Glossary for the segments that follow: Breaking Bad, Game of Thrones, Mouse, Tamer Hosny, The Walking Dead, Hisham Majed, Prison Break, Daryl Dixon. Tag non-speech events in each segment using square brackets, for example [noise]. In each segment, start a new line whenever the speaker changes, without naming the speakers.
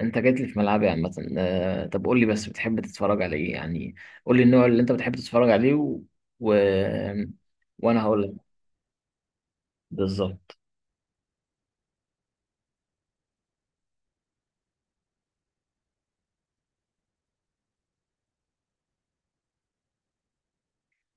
انت جيت لي في ملعبي عامة، طب قول لي بس بتحب تتفرج على ايه يعني. قول لي النوع اللي انت بتحب تتفرج عليه و... و... وانا هقول لك بالظبط.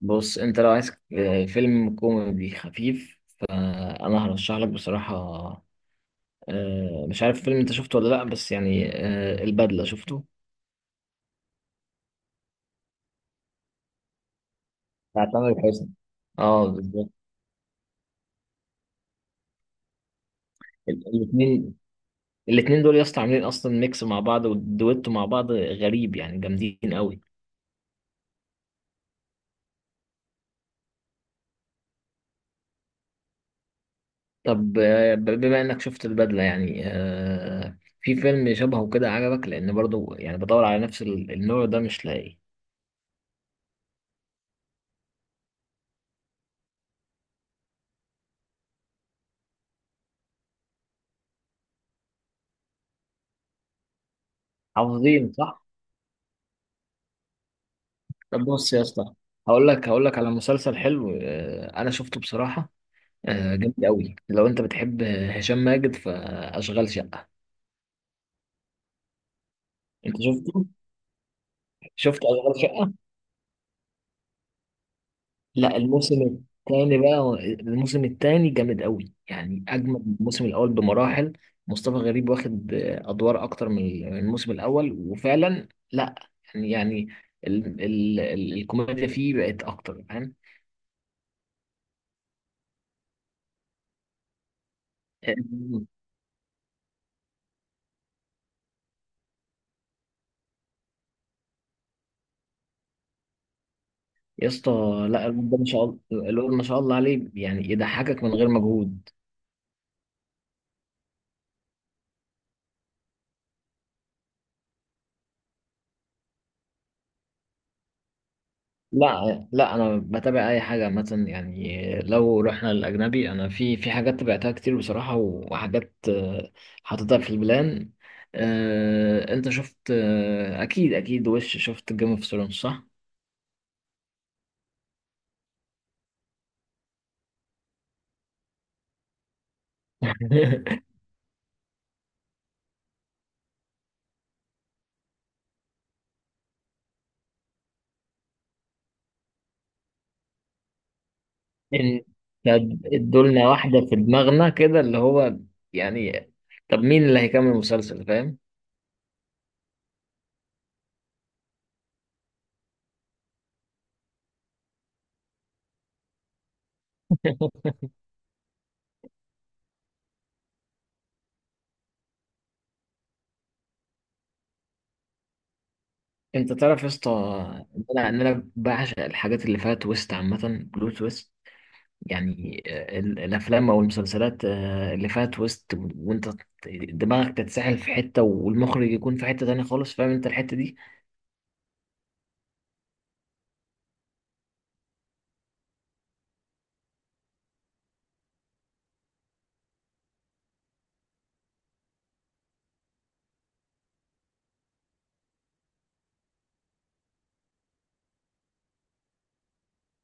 بص انت لو عايز فيلم كوميدي خفيف، فانا هرشح لك بصراحة. مش عارف فيلم انت شفته ولا لا، بس يعني البدلة، شفته بتاع تامر حسني. اه بالظبط. الاثنين الاثنين دول يا اسطى عاملين اصلا ميكس مع بعض ودويتو مع بعض غريب، يعني جامدين قوي. طب بما انك شفت البدلة، يعني في فيلم شبهه كده عجبك؟ لان برضو يعني بدور على نفس النوع ده مش لاقي. عظيم، صح. طب بص يا اسطى، هقول لك على مسلسل حلو، انا شفته بصراحة. جامد قوي، لو انت بتحب هشام ماجد فاشغال شقة. انت شفته؟ شفت اشغال شقة؟ لا الموسم الثاني بقى الموسم الثاني جامد قوي، يعني اجمل من الموسم الاول بمراحل. مصطفى غريب واخد ادوار اكتر من الموسم الاول، وفعلا لا يعني يعني ال ال ال الكوميديا فيه بقت اكتر، فاهم؟ يا اسطى لا، الواد ده ما شاء الله، الواد ما شاء الله عليه يعني يضحكك من غير مجهود. لا انا بتابع اي حاجه، مثلا يعني لو رحنا للاجنبي انا في حاجات تابعتها كتير بصراحه، وحاجات حاططها في البلان. انت شفت اكيد اكيد شفت جيم اوف ثرونز صح؟ [laughs] إن- طب ادولنا واحده في دماغنا كده، اللي هو يعني طب مين اللي هيكمل المسلسل، فاهم؟ [laughs] انت تعرف يا اسطى ان انا أنا بعشق الحاجات اللي فيها تويست عامه، بلوت تويست. يعني الافلام او المسلسلات اللي فيها تويست، وانت دماغك تتسحل في حته والمخرج يكون في حته تانية خالص، فاهم انت الحته دي؟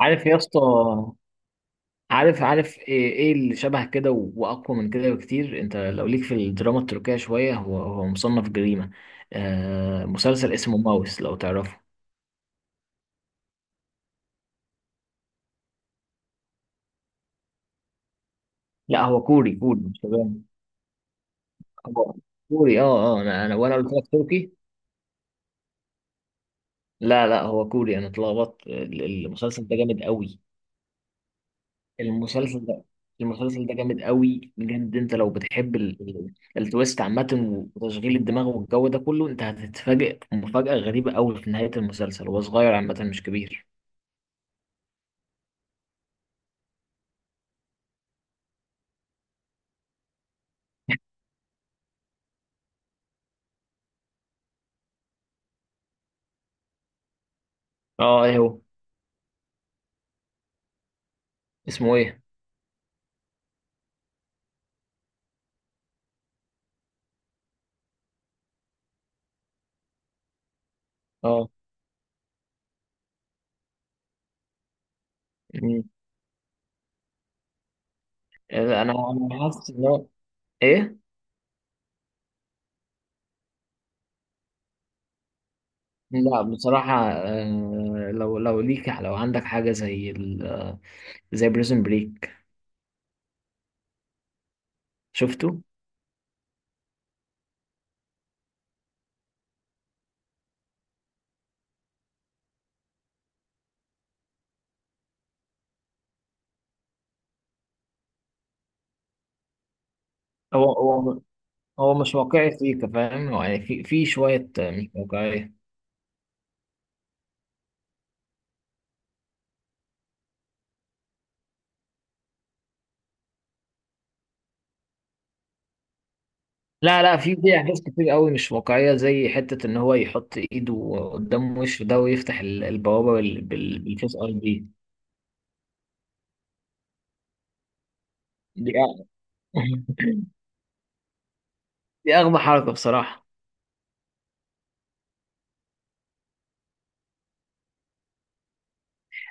عارف يا اسطى، عارف ايه اللي شبه كده واقوى من كده بكتير؟ انت لو ليك في الدراما التركية شويه، هو مصنف جريمه، آه مسلسل اسمه ماوس لو تعرفه. لا هو كوري، كوري مش ياباني. هو كوري اه. اه انا انا قلت لك تركي. لا لا، هو كوري، انا اتلخبطت. المسلسل ده جامد قوي. المسلسل ده، المسلسل ده جامد قوي بجد. انت لو بتحب التويست عامة وتشغيل الدماغ والجو ده كله، انت هتتفاجئ مفاجأة غريبة قوي في نهاية المسلسل. هو صغير عامة، مش كبير. اه ايه هو؟ اسمه ايه؟ اه مم. انا انا حاسس ان هو ايه. لا بصراحة آه، لو لو ليك لو عندك حاجة زي ال... آه، زي بريزن بريك. شفته. هو هو مش واقعي سيكا، فاهم؟ هو يعني في شوية مش واقعية. لا لا، في احداث كتير قوي مش واقعيه، زي حته ان هو يحط ايده قدام وشه ده، ويفتح بالفيس اي دي. دي أ- [laughs] دي اغبى حركه بصراحه.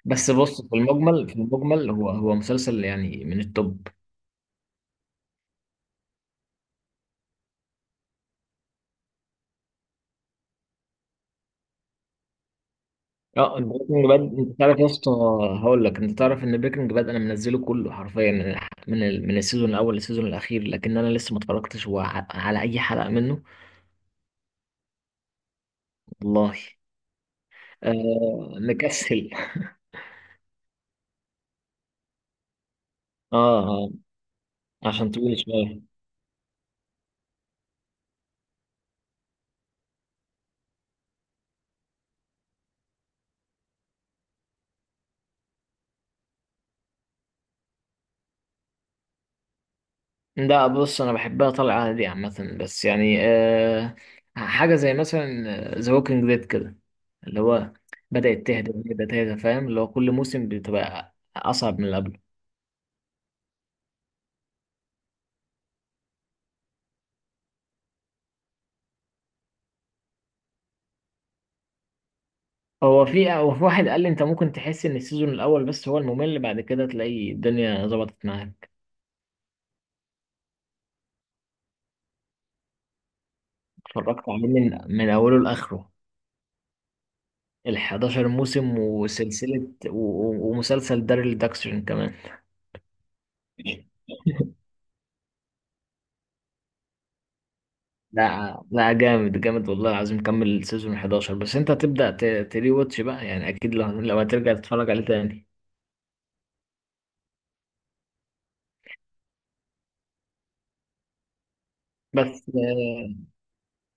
بس بص، في المجمل في المجمل، هو مسلسل يعني من التوب. اه بريكنج باد، انت تعرف يا اسطى، هقول لك، انت تعرف ان بريكنج باد انا منزله كله حرفيا من من السيزون الاول للسيزون الاخير، لكن انا لسه ما اتفرجتش على اي حلقه منه. والله آه مكسل. اه اه، عشان طويل شويه. لا بص، انا بحبها طالعه عادي عامه. بس يعني أه حاجه زي مثلا ذا ووكينج ديد كده، اللي هو بدات تهدى، بدات تهدى، فاهم؟ اللي هو كل موسم بتبقى اصعب من اللي قبله. هو في واحد قال لي انت ممكن تحس ان السيزون الاول بس هو الممل، بعد كده تلاقي الدنيا ظبطت معاك. اتفرجت عليه من اوله لاخره، ال 11 موسم وسلسله و- و- ومسلسل داريل داكسون كمان. لا جامد جامد، والله العظيم كمل سيزون 11. بس انت هتبدأ تري واتش بقى يعني، اكيد لو لو هترجع تتفرج عليه تاني. بس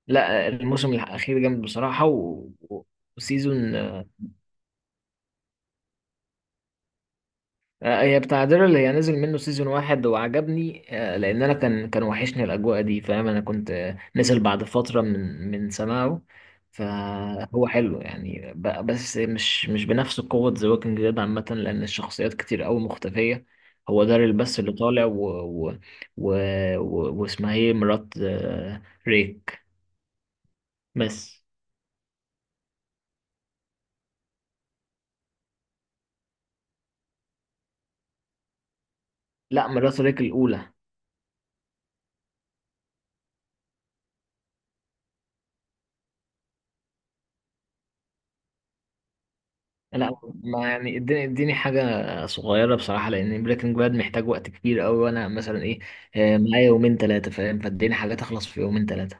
لا الموسم الاخير جامد بصراحة، وسيزون، هي بتاع دير، اللي هي نزل منه سيزون واحد وعجبني، لان انا كان وحشني الاجواء دي، فاهم؟ انا كنت نزل بعد فتره من سماعه. فهو حلو يعني، بس مش مش بنفس قوه ذا ووكينج ديد عامه، لان الشخصيات كتير قوي مختفيه. هو داريل بس اللي طالع و و و و- واسمها ايه مرات ريك بس. لا مرات ريك الاولى. لا، ما يعني، اديني حاجة صغيرة بصراحة، لأن بريكنج باد محتاج وقت كبير أوي. وأنا مثلا إيه معايا يومين تلاتة، فاهم؟ فاديني حاجة تخلص في يومين تلاتة.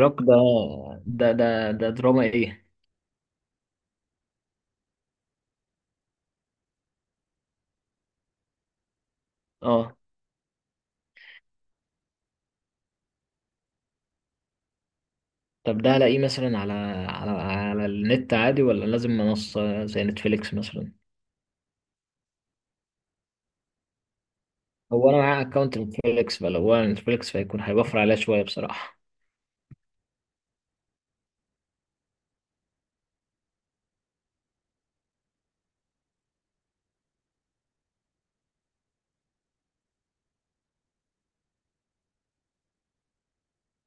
روك ده؟ ده دراما إيه؟ أه. طب ده ألاقيه مثلا على على النت عادي، ولا لازم منصة زي نتفليكس مثلا؟ هو أنا معايا أكونت نتفليكس، فلو هو نتفليكس فيكون هيوفر عليا شوية بصراحة.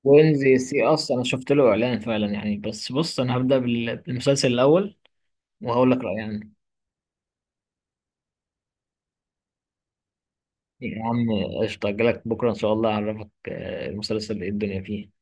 وين زي سي، أصلا أنا شفت له إعلان فعلا يعني. بس بص أنا هبدأ بالمسلسل الأول وهقول لك رأيي عنه. يا عم قشطة، أجيلك بكرة إن شاء الله أعرفك المسلسل إيه الدنيا فيه.